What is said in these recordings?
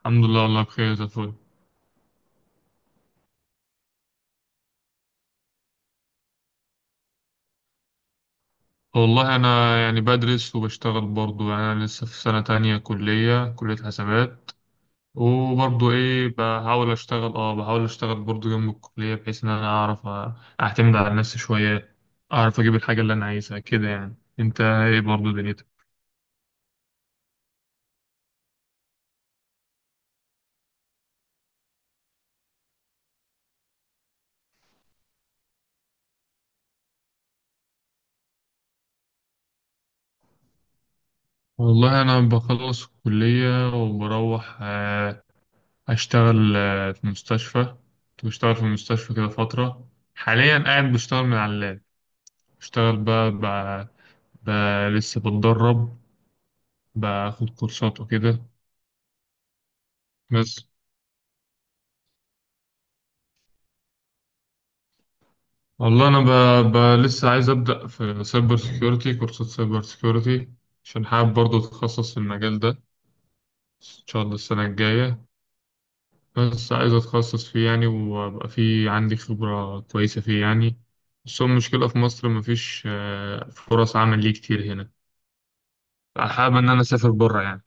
الحمد لله، والله بخير زي الفل. والله أنا يعني بدرس وبشتغل برضه، يعني أنا لسه في سنة تانية كلية حسابات. وبرضه إيه بحاول أشتغل، بحاول أشتغل برضه جنب الكلية بحيث إن أنا أعرف أعتمد على نفسي شوية. أعرف أجيب الحاجة اللي أنا عايزها كده. يعني أنت إيه برضه دنيتك؟ والله أنا بخلص الكلية وبروح، أشتغل في مستشفى. كنت بشتغل في المستشفى كده فترة. حاليا قاعد بشتغل من على اللاب. بشتغل بقى، لسه بتدرب. باخد كورسات وكده. بس والله انا لسه عايز ابدا في سايبر سيكيورتي، كورسات سايبر سيكيورتي، عشان حابب برضه اتخصص في المجال ده ان شاء الله السنه الجايه. بس عايز اتخصص فيه يعني وابقى فيه عندي خبره كويسه فيه يعني. بس هو المشكله في مصر مفيش فرص عمل ليه كتير هنا. حابب ان انا اسافر بره يعني.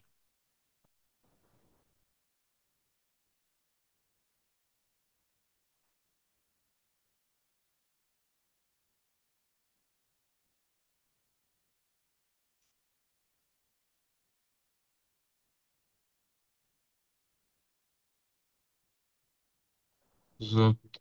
بالظبط.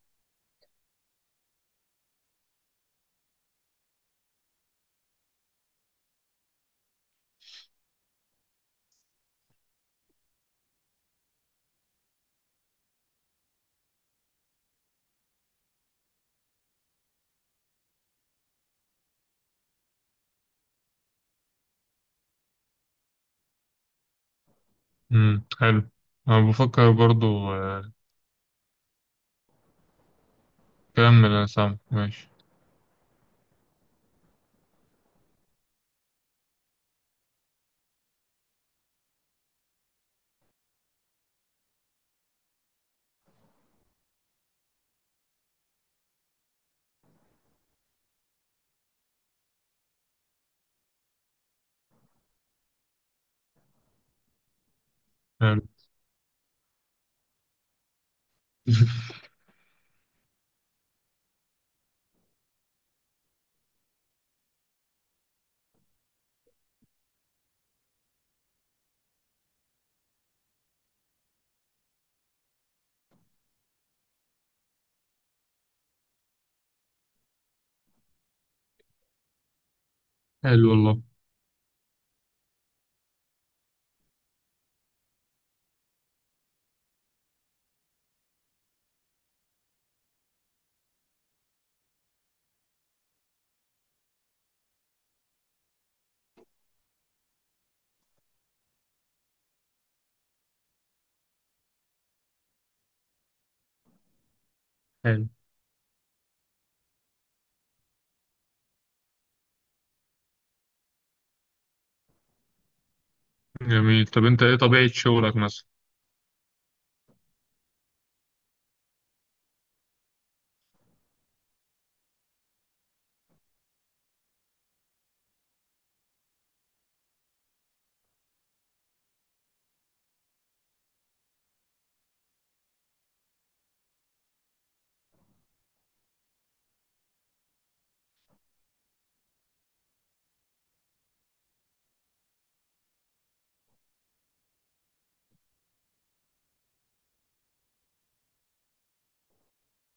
حلو. انا بفكر برضه آه، كمل انا سامع، ماشي. حلو. حلو والله. حلو. جميل. طب انت ايه طبيعة شغلك مثلا؟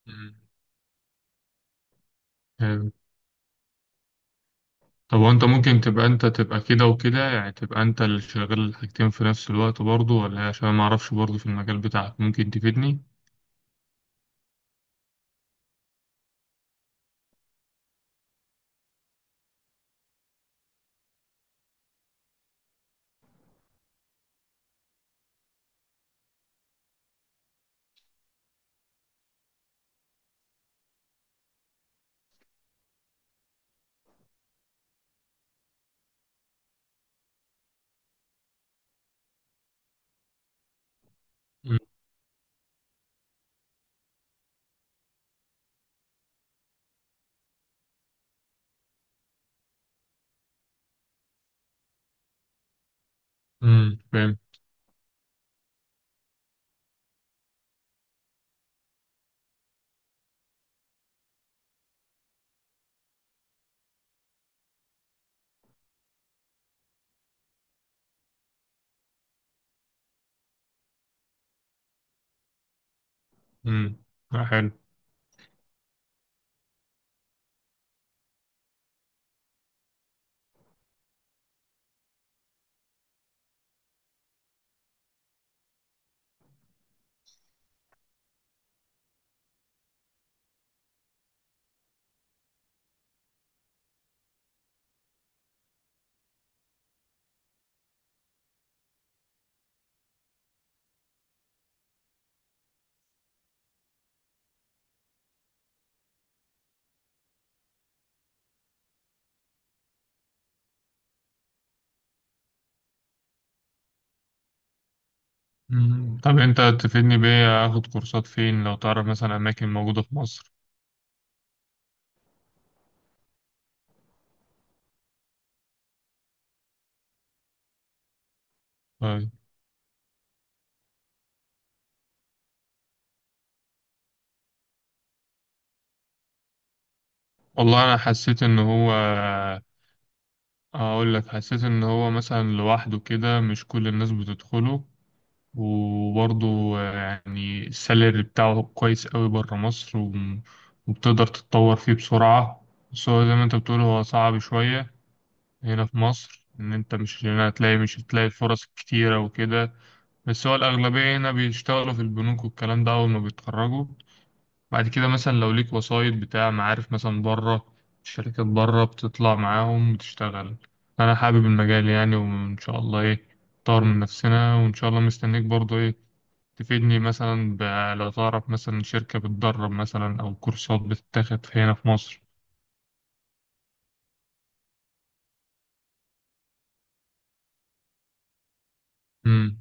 مم. حلو. طب وانت ممكن تبقى انت تبقى كده وكده، يعني تبقى انت اللي شغال الحاجتين في نفس الوقت برضه ولا ايه؟ عشان ما اعرفش برضه في المجال بتاعك ممكن تفيدني. مم. مم. فاهم. مم. لا، حلو. مم. طب انت تفيدني بايه، اخد كورسات فين لو تعرف مثلا اماكن موجودة في مصر؟ طيب. والله انا حسيت ان هو، اقول لك حسيت ان هو مثلا لوحده كده مش كل الناس بتدخله. وبرضه يعني السالري بتاعه كويس قوي بره مصر، وبتقدر تتطور فيه بسرعة. بس هو زي ما انت بتقول هو صعب شوية هنا في مصر، إن أنت مش هنا هتلاقي، مش هتلاقي الفرص كتيرة وكده. بس هو الأغلبية هنا بيشتغلوا في البنوك والكلام ده أول ما بيتخرجوا. بعد كده مثلا لو ليك وسايط بتاع معارف مثلا بره، شركات بره بتطلع معاهم وتشتغل. أنا حابب المجال يعني، وإن شاء الله إيه نطور من نفسنا، وإن شاء الله مستنيك برضه إيه تفيدني مثلا، لو تعرف مثلا شركة بتدرب مثلا أو كورسات بتتاخد هنا في مصر. امم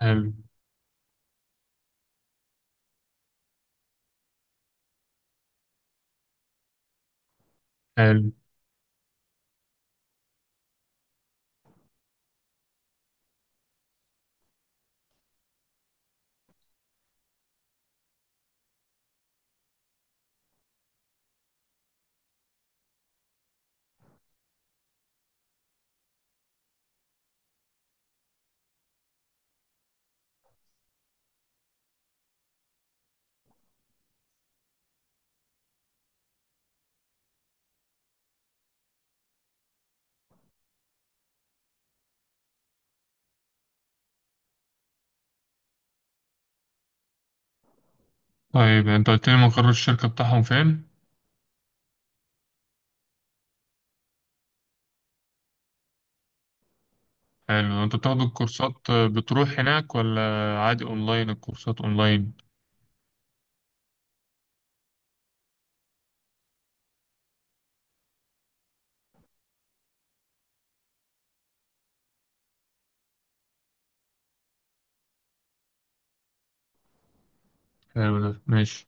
حلو. حلو. طيب أنت قلت لي مقر الشركة بتاعهم فين؟ حلو. أنت بتاخد الكورسات بتروح هناك، ولا عادي أونلاين الكورسات أونلاين؟ حلو ده ماشي.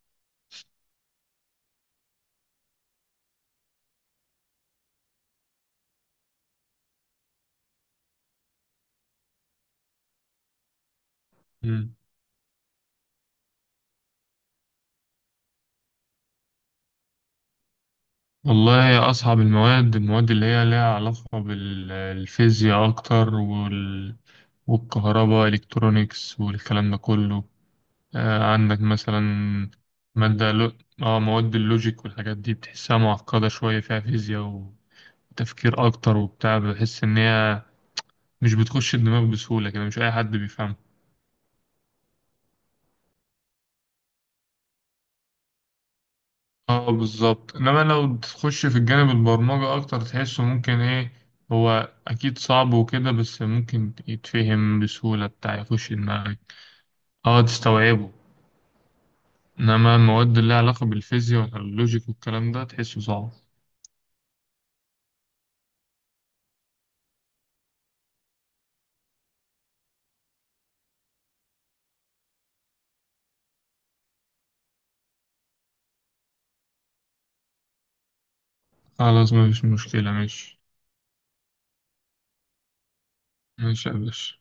مم. والله أصعب المواد اللي هي لها علاقة بالفيزياء أكتر، والكهرباء إلكترونيكس والكلام ده كله. عندك مثلا مادة. اه مواد اللوجيك والحاجات دي بتحسها معقدة شوية، فيها فيزياء وتفكير أكتر وبتاع. بحس إن هي مش بتخش الدماغ بسهولة كده، مش أي حد بيفهمها. اه بالظبط. إنما لو تخش في الجانب البرمجة أكتر تحسه ممكن إيه، هو أكيد صعب وكده بس ممكن يتفهم بسهولة، بتاع يخش دماغك. اه تستوعبه. إنما المواد اللي لها علاقة بالفيزياء واللوجيك والكلام ده تحسه صعب. خلاص مفيش مشكلة، ماشي. ماشي يا باشا.